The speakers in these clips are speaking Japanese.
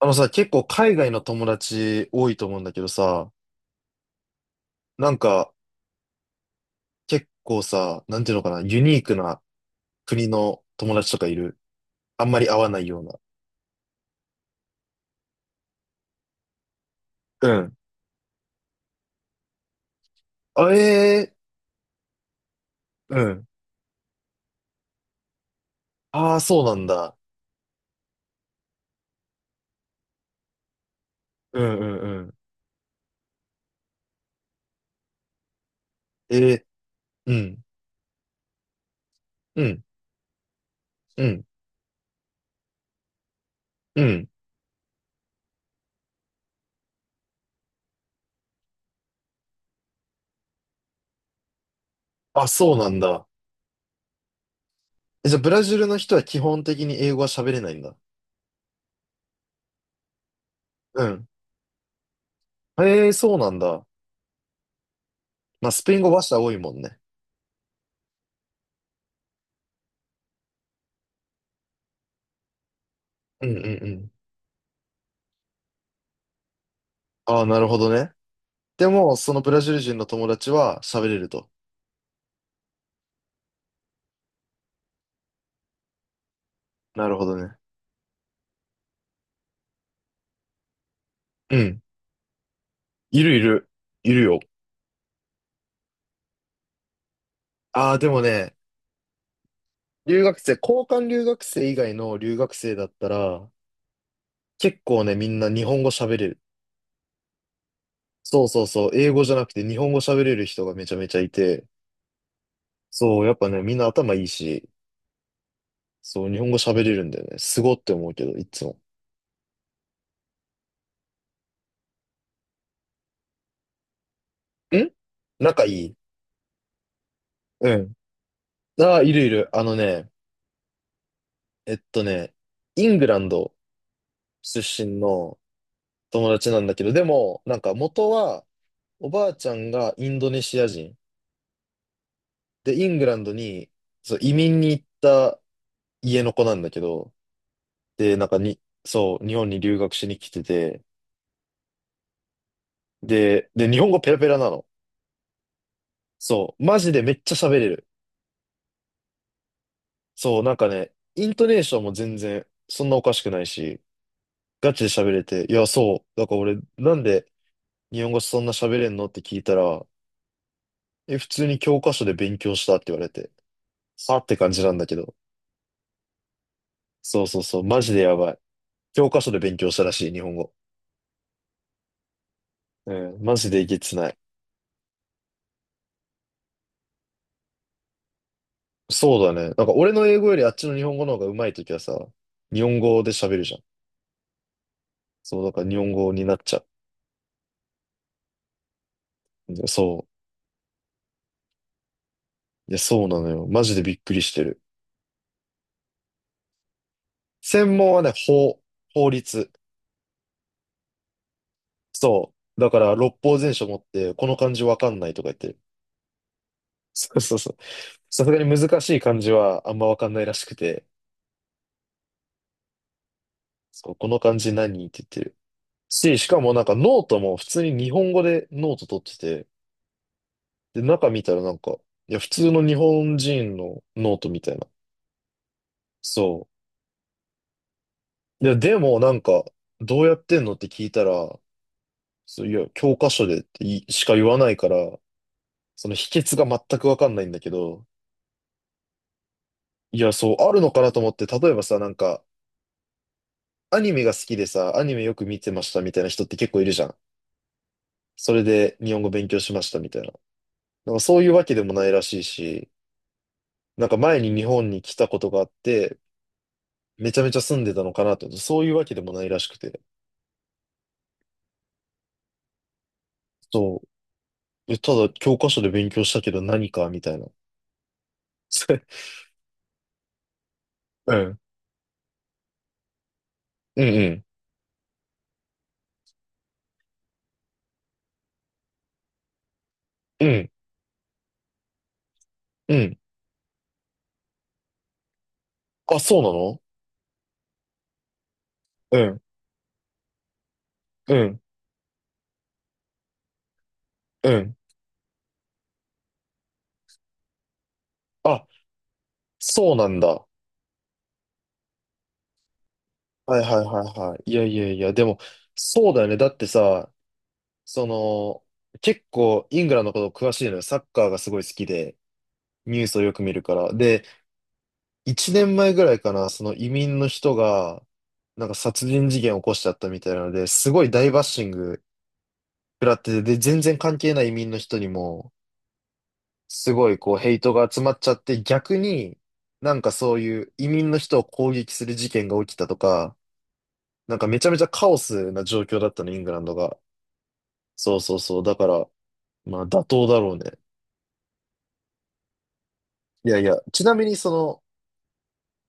あのさ、結構海外の友達多いと思うんだけどさ、なんか結構さ、なんていうのかな、ユニークな国の友達とかいる？あんまり会わないような。うん。あ、ええ、うん。ああ、そうなんだ。うんうんうん。ええ、うん、うん、うん、うん。あ、そうなんだ。え、じゃあブラジルの人は基本的に英語は喋れないんだ。うん。ええ、そうなんだ。まあ、スペイン語話者多いもんね。うんうんうん。ああ、なるほどね。でも、そのブラジル人の友達は喋れると。なるほどね。うん。いるいる。いるよ。ああ、でもね、留学生、交換留学生以外の留学生だったら、結構ね、みんな日本語喋れる。そうそうそう、英語じゃなくて日本語喋れる人がめちゃめちゃいて、そう、やっぱね、みんな頭いいし、そう、日本語喋れるんだよね。すごって思うけど、いつも。ん仲いい？うん。ああ、いるいる。あのね、えっとね、イングランド出身の友達なんだけど、でも、なんか元はおばあちゃんがインドネシア人。で、イングランドに、そう、移民に行った家の子なんだけど、で、なんかに、そう、日本に留学しに来てて、で、日本語ペラペラなの。そう、マジでめっちゃ喋れる。そう、なんかね、イントネーションも全然、そんなおかしくないし、ガチで喋れて、いや、そう、だから俺、なんで日本語そんな喋れんのって聞いたら、え、普通に教科書で勉強したって言われて、さって感じなんだけど、そうそうそう、マジでやばい。教科書で勉強したらしい、日本語。うん、マジでいけつない。そうだね。なんか俺の英語よりあっちの日本語の方が上手いときはさ、日本語で喋るじゃん。そう、だから日本語になっちゃう。でそう。いや、そうなのよ。マジでびっくりしてる。専門はね、法律。そう。だから六法全書持って、この漢字わかんないとか言ってる。そうそうそう。さすがに難しい漢字はあんまわかんないらしくて、そう、この漢字何って言ってる。しかもなんかノートも普通に日本語でノート取ってて、で、中見たらなんか、いや、普通の日本人のノートみたいな。そう。いや、でもなんか、どうやってんのって聞いたら、そういや、教科書でっていしか言わないから、その秘訣が全くわかんないんだけど、いや、そう、あるのかなと思って、例えばさ、なんか、アニメが好きでさ、アニメよく見てましたみたいな人って結構いるじゃん。それで日本語勉強しましたみたいな。なんかそういうわけでもないらしいし、なんか前に日本に来たことがあって、めちゃめちゃ住んでたのかなと思って、そういうわけでもないらしくて。そうえ、ただ教科書で勉強したけど何かみたいな。うん。うんうん。うん。うん。あ、そうなの？うん。うん。うん。あ、そうなんだ。はいはいはいはい。いやいやいや、でも、そうだよね。だってさ、その、結構イングランドのこと詳しいのよ。サッカーがすごい好きで、ニュースをよく見るから。で、1年前ぐらいかな、その移民の人が、なんか殺人事件を起こしちゃったみたいなので、すごい大バッシング食らってて、で、全然関係ない移民の人にも、すごいこうヘイトが集まっちゃって逆に、なんかそういう移民の人を攻撃する事件が起きたとか、なんかめちゃめちゃカオスな状況だったの、イングランドが。そうそうそう。だから、まあ妥当だろうね。いやいや、ちなみにその、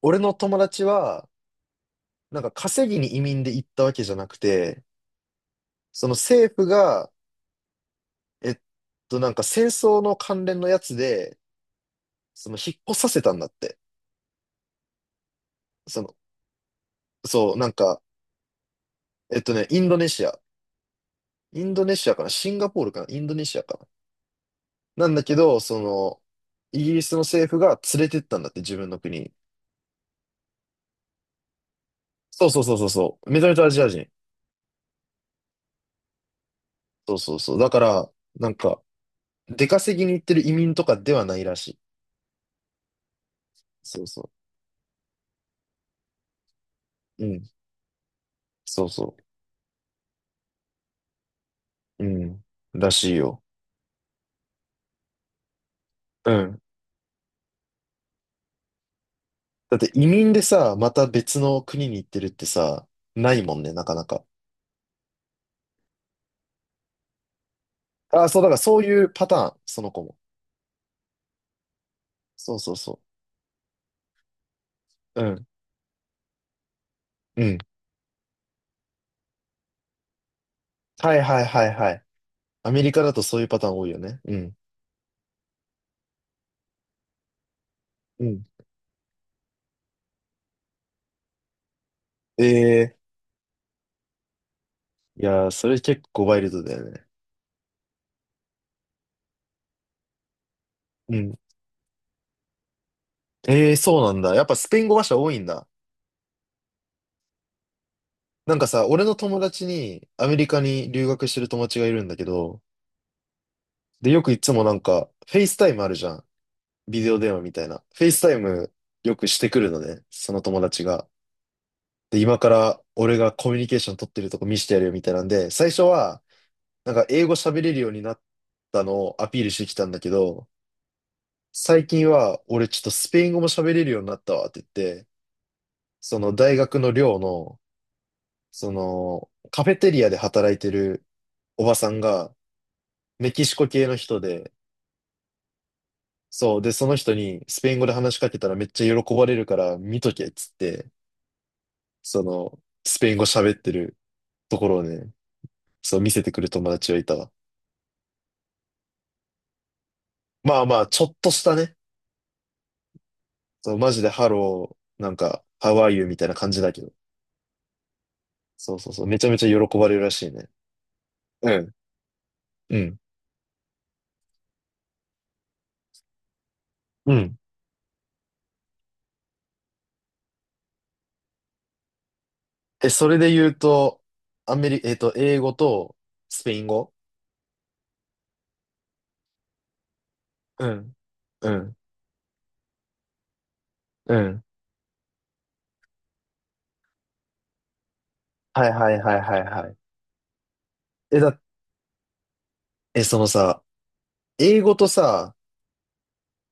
俺の友達は、なんか稼ぎに移民で行ったわけじゃなくて、その政府が、えっなんか戦争の関連のやつで、その引っ越させたんだって。その、そう、なんか、インドネシア。インドネシアかなシンガポールかなインドネシアかななんだけど、その、イギリスの政府が連れてったんだって、自分の国に。そうそうそうそうそう。めちゃめちゃアジア人。そうそうそう。だから、なんか、出稼ぎに行ってる移民とかではないらしい。そうそう。うん。そうそう。うん。らしいよ。うん。だって移民でさ、また別の国に行ってるってさ、ないもんね、なかなか。ああ、そう、だからそういうパターン、その子も。そうそうそう。うん。うん。はいはいはいはい。アメリカだとそういうパターン多いよね。うん。うん。ええー、いやー、それ結構ワイルドだよね。うん。ええー、そうなんだ。やっぱスペイン語話者多いんだ。なんかさ、俺の友達にアメリカに留学してる友達がいるんだけど、で、よくいつもなんか、フェイスタイムあるじゃん。ビデオ電話みたいな。フェイスタイムよくしてくるのね、その友達が。で、今から俺がコミュニケーション取ってるとこ見せてやるよみたいなんで、最初は、なんか英語喋れるようになったのをアピールしてきたんだけど、最近は、俺ちょっとスペイン語も喋れるようになったわって言って、その大学の寮の、その、カフェテリアで働いてるおばさんが、メキシコ系の人で、そう、で、その人にスペイン語で話しかけたらめっちゃ喜ばれるから見とけっつって、その、スペイン語喋ってるところをね、そう見せてくる友達がいたわ。まあまあ、ちょっとしたね、そう、マジでハロー、なんか、ハワイユみたいな感じだけど。そうそうそう、めちゃめちゃ喜ばれるらしいね。うん。うん。うんえ、それで言うと、アメリ、英語とスペイン語うん。うん。うん。はいはいはいはいはい。え、だ、え、そのさ、英語とさ、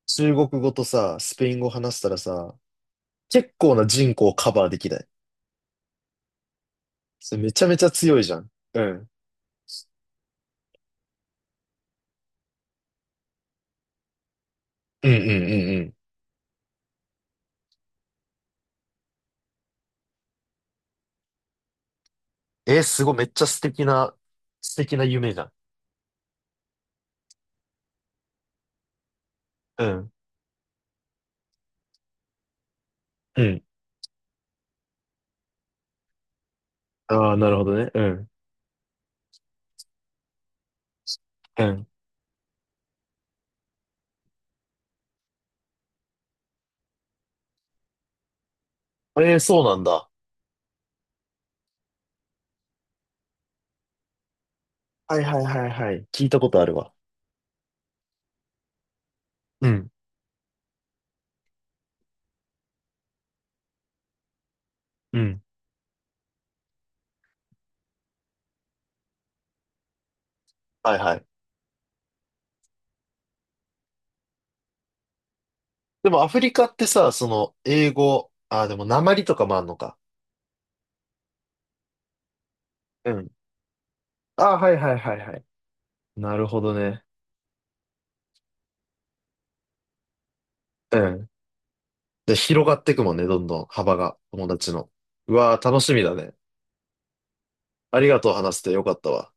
中国語とさ、スペイン語話したらさ、結構な人口をカバーできない？それめちゃめちゃ強いじゃん。うん。うんうんうんうん。え、すごい、めっちゃ素敵な、素敵な夢じゃん。うん。うん。ああ、なるほどね。うん。うん。えー、そうなんだ。はいはいはいはい。聞いたことあるわ。うん。うん。はいはい。でもアフリカってさ、その、英語、ああ、でも訛りとかもあんのか。うん。ああ、はいはいはいはい。なるほどね。うん。で、広がっていくもんね、どんどん幅が、友達の。うわあ、楽しみだね。ありがとう、話してよかったわ。